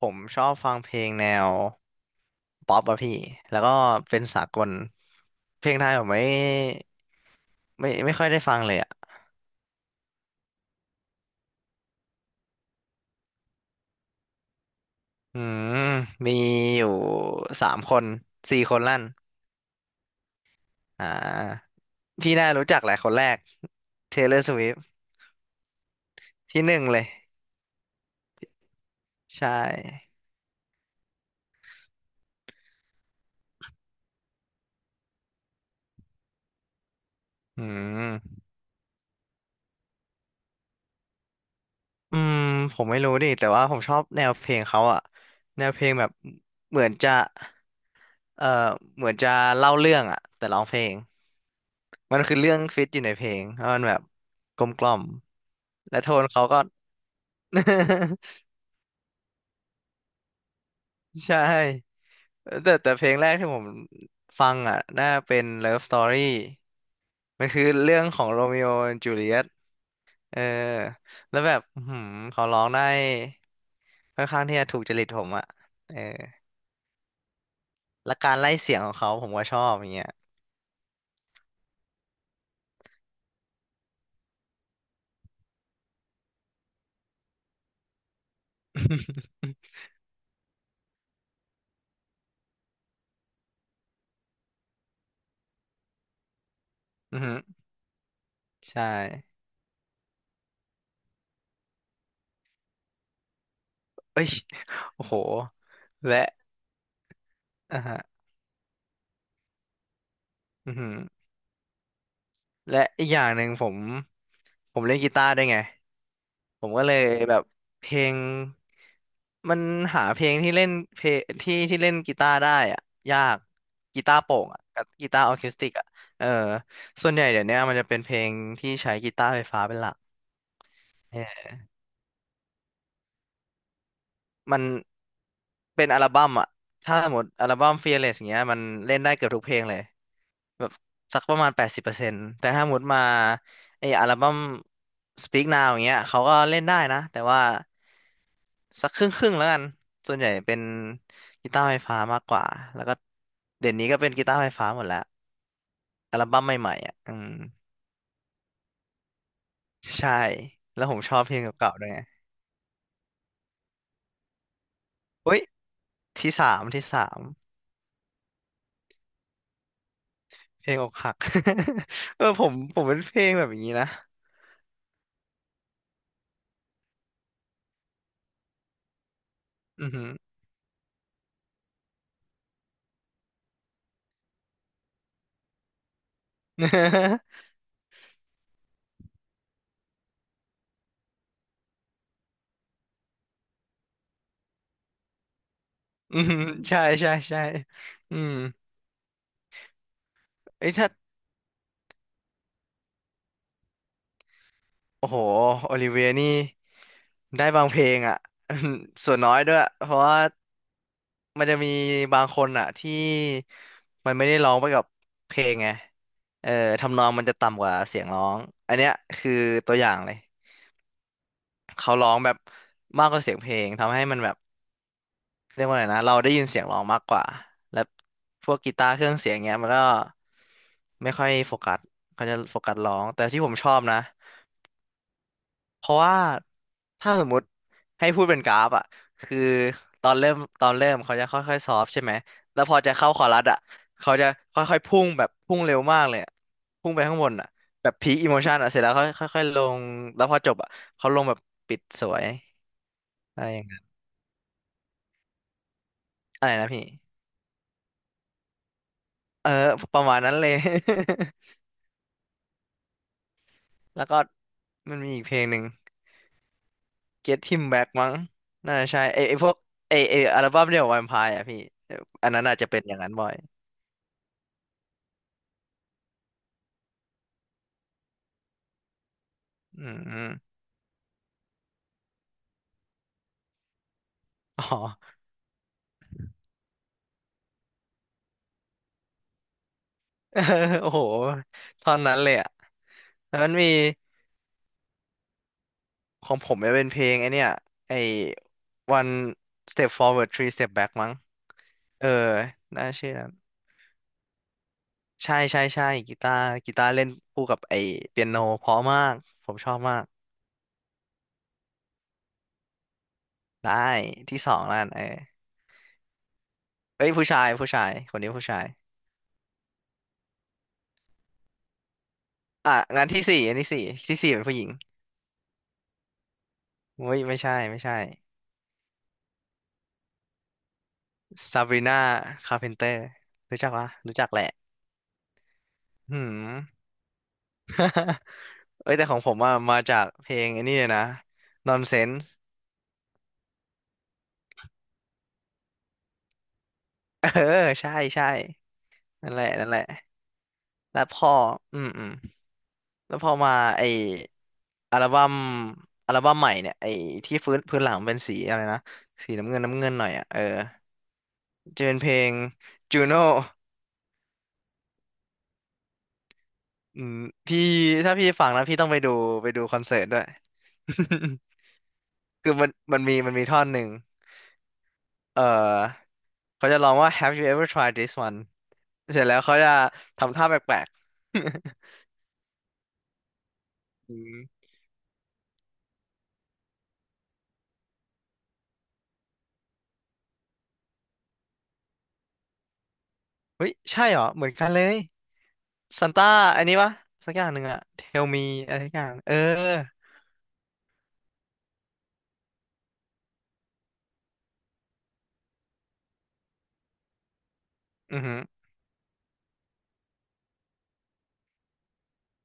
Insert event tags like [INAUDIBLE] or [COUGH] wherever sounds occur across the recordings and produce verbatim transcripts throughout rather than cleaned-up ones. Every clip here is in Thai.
ผมชอบฟังเพลงแนวป๊อปอะพี่แล้วก็เป็นสากล เพลงไทยผมไม่ไม่ไม่ค่อยได้ฟังเลยอะอืมมีอยู่สามคนสี่คนลั่นอ่าพี่น่ารู้จักแหละคนแรก Taylor Swift ที่หนึ่งเลยใช่อืมอืมผมไม่รู้ดิแต่ว่าผมชอบแนวเพลงเขาอะแนวเพลงแบบเหมือนจะเอ่อเหมือนจะเล่าเรื่องอะแต่ร้องเพลง มันคือเรื่องฟิตอยู่ในเพลงเพราะมันแบบกลมกล่อมและโทนเขาก็ [LAUGHS] ใช่แต่แต่เพลงแรกที่ผมฟังอ่ะน่าเป็น Love Story มันคือเรื่องของโรมิโอและจูเลียตเออแล้วแบบอื้อหืมเขาร้องได้ค่อนข้างที่จะถูกจริตผมอ่ะเออและการไล่เสียงของเขาผมก็ชอบอย่างเงี้ย [LAUGHS] อือหือใช่เอ้ยโอ้โหและอ่ะฮะอือหือ และอีกอย่างหนึ่งผมผมเล่นกีตาร์ด้วยไงผมก็เลยแบบเพลงมันหาเพลงที่เล่นเพลงที่ที่เล่นกีตาร์ได้อะยากกีตาร์โปร่งอะกับกีตาร์ออร์เคสติกอะเออส่วนใหญ่เดี๋ยวเนี้ยมันจะเป็นเพลงที่ใช้กีตาร์ไฟฟ้าเป็นหลักเออมันเป็นอัลบั้มอะถ้าสมมติอัลบั้ม Fearless อย่างเงี้ยมันเล่นได้เกือบทุกเพลงเลย แบบสักประมาณแปดสิบเปอร์เซ็นต์แต่ถ้าหมดมาไออัลบั้ม Speak Now อย่างเงี้ยเขาก็เล่นได้นะแต่ว่าสักครึ่งครึ่งแล้วกันส่วนใหญ่เป็นกีตาร์ไฟฟ้ามากกว่าแล้วก็เดี๋ยวนี้ก็เป็นกีตาร์ไฟฟ้าหมดแล้วอัลบั้มใหม่ๆอ่ะอืมใช่แล้วผมชอบเพลงเก่าๆด้วยไงเฮ้ยที่สามที่สามเพลงอกหัก [LAUGHS] เออผมผมเป็นเพลงแบบอย่างนี้นะอือหือ [LAUGHS] อือใช่ใช่ใช่อืมเอ้ยถ้า โอ้โหโอลิเวียนี่ได้บางเพลงอ่ะ [LAUGHS] ส่วนน้อยด้วยเพราะว่ามันจะมีบางคนอ่ะที่มันไม่ได้ร้องไปกับเพลงไงเออทำนองมันจะต่ำกว่าเสียงร้องอันเนี้ยคือตัวอย่างเลยเขาร้องแบบมากกว่าเสียงเพลงทำให้มันแบบเรียกว่าไงนะเราได้ยินเสียงร้องมากกว่าและพวกกีตาร์เครื่องเสียงเงี้ยมันก็ไม่ค่อยโฟกัสเขาจะโฟกัสร้องแต่ที่ผมชอบนะ เพราะว่าถ้าสมมติให้พูดเป็นกราฟอ่ะคือตอนเริ่มตอนเริ่มเขาจะค่อยๆซอฟต์ใช่ไหมแล้วพอจะเข้าคอรัสอ่ะเขาจะค่อยๆพุ่งแบบพุ่งเร็วมากเลยอะพุ่งไปข้างบนอ่ะแบบพีคอิโมชันอ่ะเสร็จแล้วค่อยค่อยๆลงแล้วพอจบอ่ะเขาลงแบบปิดสวยอะไรอย่างเงี้ยอะไรนะพี่เออประมาณนั้นเลย [LAUGHS] แล้วก็มันมีอีกเพลงหนึ่ง Get Him Back มั้งน่าจะใช่ไอไอพวกไอไออัลบั้มเดี่ยว Vampire อ่ะพี่เอออันนั้นอาจจะเป็นอย่างนั้นบ่อยอืม อ๋อ [LAUGHS] เออโอ้โหตอนนั้นเลยอ่ะแล้วมันมีของผมจะเป็นเพลงไอเนี่ย ไอ one step forward three step back มั้งเออ น่าเชื่อนั้น ใช่ใช่ใช่กีตาร์กีตาร์เล่นคู่กับไอเปียโนเพราะมากผมชอบมากได้ที่สองแล้วกันเออเอ้ยผู้ชายผู้ชายคนนี้ผู้ชาย อ่ะงานที่สี่อันที่สี่ที่สี่เป็นผู้หญิงเฮ้ยไม่ใช่ไม่ใช่ซาบรีนาคาร์เพนเตอร์รู้จักปะรู้จักแหละหืม [LAUGHS] เอ้ยแต่ของผมอ่ะมาจากเพลงไอันนี้เลยนะ Nonsense เออใช่ใช่นั่นแหละนั่นแหละแล้วพออืมอืมแล้วพอมาไออัลบั้มอัลบั้มใหม่เนี่ยไอที่พื้นพื้นหลังเป็นสีอะไรนะสีน้ำเงินน้ำเงินหน่อยอ่ะเออจะเป็นเพลง Juno อืมพี่ถ้าพี่ฟังนะพี่ต้องไปดูไปดูคอนเสิร์ตด้วย [LAUGHS] คือมันมันมีมันมีท่อนหนึ่ง เออเขาจะลองว่า Have you ever tried this one เสร็จแล้วเขาจะทำท่าแปลกๆ [LAUGHS] อืม [LAUGHS] เฮ้ยใช่เหรอเหมือนกันเลยซันต้าอันนี้ปะสักอย่างหนึ่งอะ Tell me อะไรสักอย่างเอออือหือ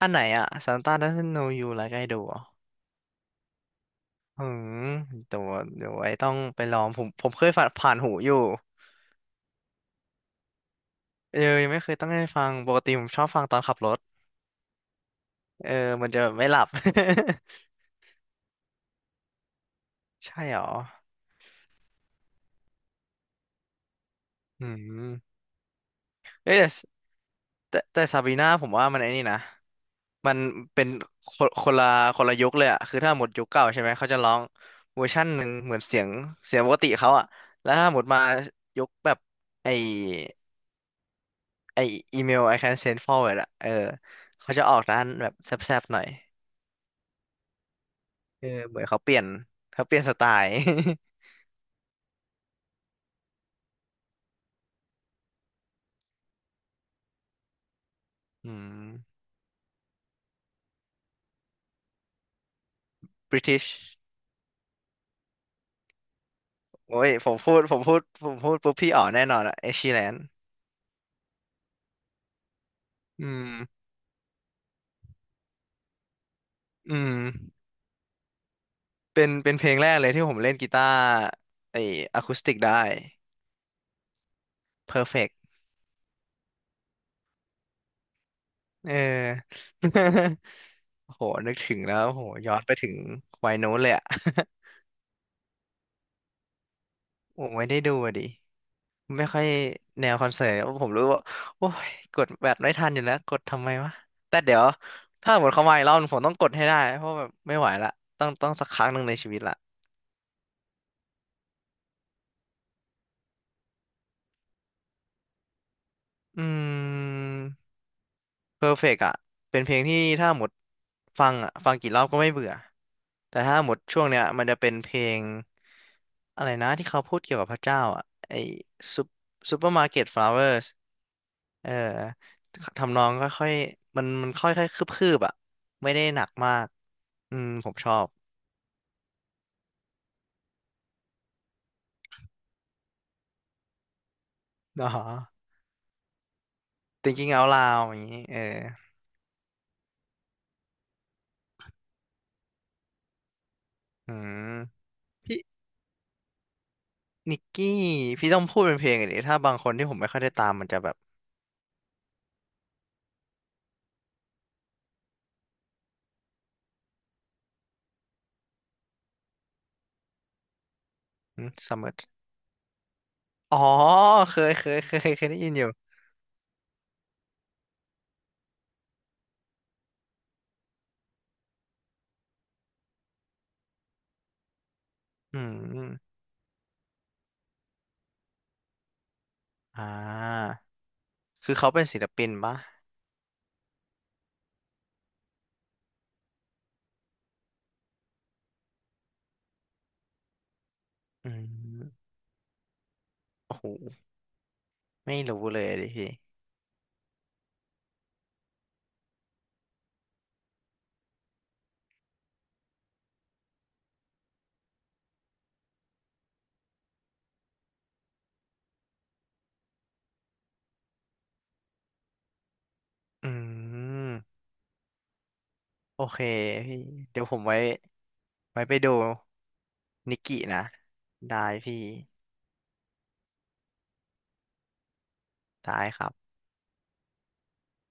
อันไหนอะ Santa doesn't know you like I do เหรออืมเดี๋ยวเดี๋ยวไว้ต้องไปลองผมผมเคยผ่านผ่านหูอยู่เออยังไม่เคยต้องได้ฟังปกติผมชอบฟังตอนขับรถเออมันจะแบบไม่หลับ [LAUGHS] ใช่เหรออืมเอ้ยแต่ แต่แต่ซาบีนาผมว่ามันไอ้นี่นะมันเป็นคนคนละคนละยุคเลยอะคือถ้าหมดยุคเก่าใช่ไหมเขาจะร้องเวอร์ชันหนึ่งเหมือนเสียงเสียงปกติเขาอะแล้วถ้าหมดมายุคแบบไอไออีเมล I can send forward อะเออเขาจะออกด้านแบบแซบๆหน่อยเออเหมือนเขาเปลี่ยนเขาเปลี่ยนสไตล์ [LAUGHS] อืมบริติชโอ้ยผมพูดผมพูดผมพูดปุ๊บพี่อ๋อแน่นอนอะเอชชีแลนอืมอืม เป็นเป็นเพลงแรกเลยที่ผมเล่นกีตาร์ไอ้อะคูสติกได้ Perfect เออ [LAUGHS] โอ้โหนึกถึงแล้วโอ้โหย้อนไปถึงวัยโน้นเลยอะ [LAUGHS] ผมไม่ได้ดูอะดิ ไม่ค่อยแนวคอนเสิร์ตผมรู้ว่า โอ้ยกดแบบไม่ทันอยู่แล้วกดทำไมวะแต่เดี๋ยวถ้าหมดเขามาอีกรอบหนึ่งผมต้องกดให้ได้ เพราะแบบไม่ไหวละต้องต้องสักครั้งหนึ่งในชีวิตละอืม Perfect อ่ะเป็นเพลงที่ถ้าหมดฟังอ่ะฟังกี่รอบก็ไม่เบื่อแต่ถ้าหมดช่วงเนี้ยมันจะเป็นเพลงอะไรนะที่เขาพูดเกี่ยวกับพระเจ้าอ่ะไอซุปซปเปอร์มาร์เก็ตฟลาวเวอร์สเอ่อทำนองค่อยๆมันมันค่อยๆคืบๆอ่ะไม่ได้หนักมากอืมผมชอบอ๋อ Thinking Out Loud อย่างนี้เอออืมพี่นิกกี้พี่ต้องพูดเป็นเพลงอันนี้ถ้าบางคนที่ผมไม่ค่อยได้ตามมันจะแบบอืม summer อ๋อ เคย เคย เคย เคยได้ยินอยู่อืมอ่าคือเขาเป็นศิลปินปะอืมโอ้โหไม่รู้เลยดิพี่อืมโอเคพี่เดี๋ยวผมไว้ ไว้ไปดูนิกกี้นะ ได้พี่ ได้ครับ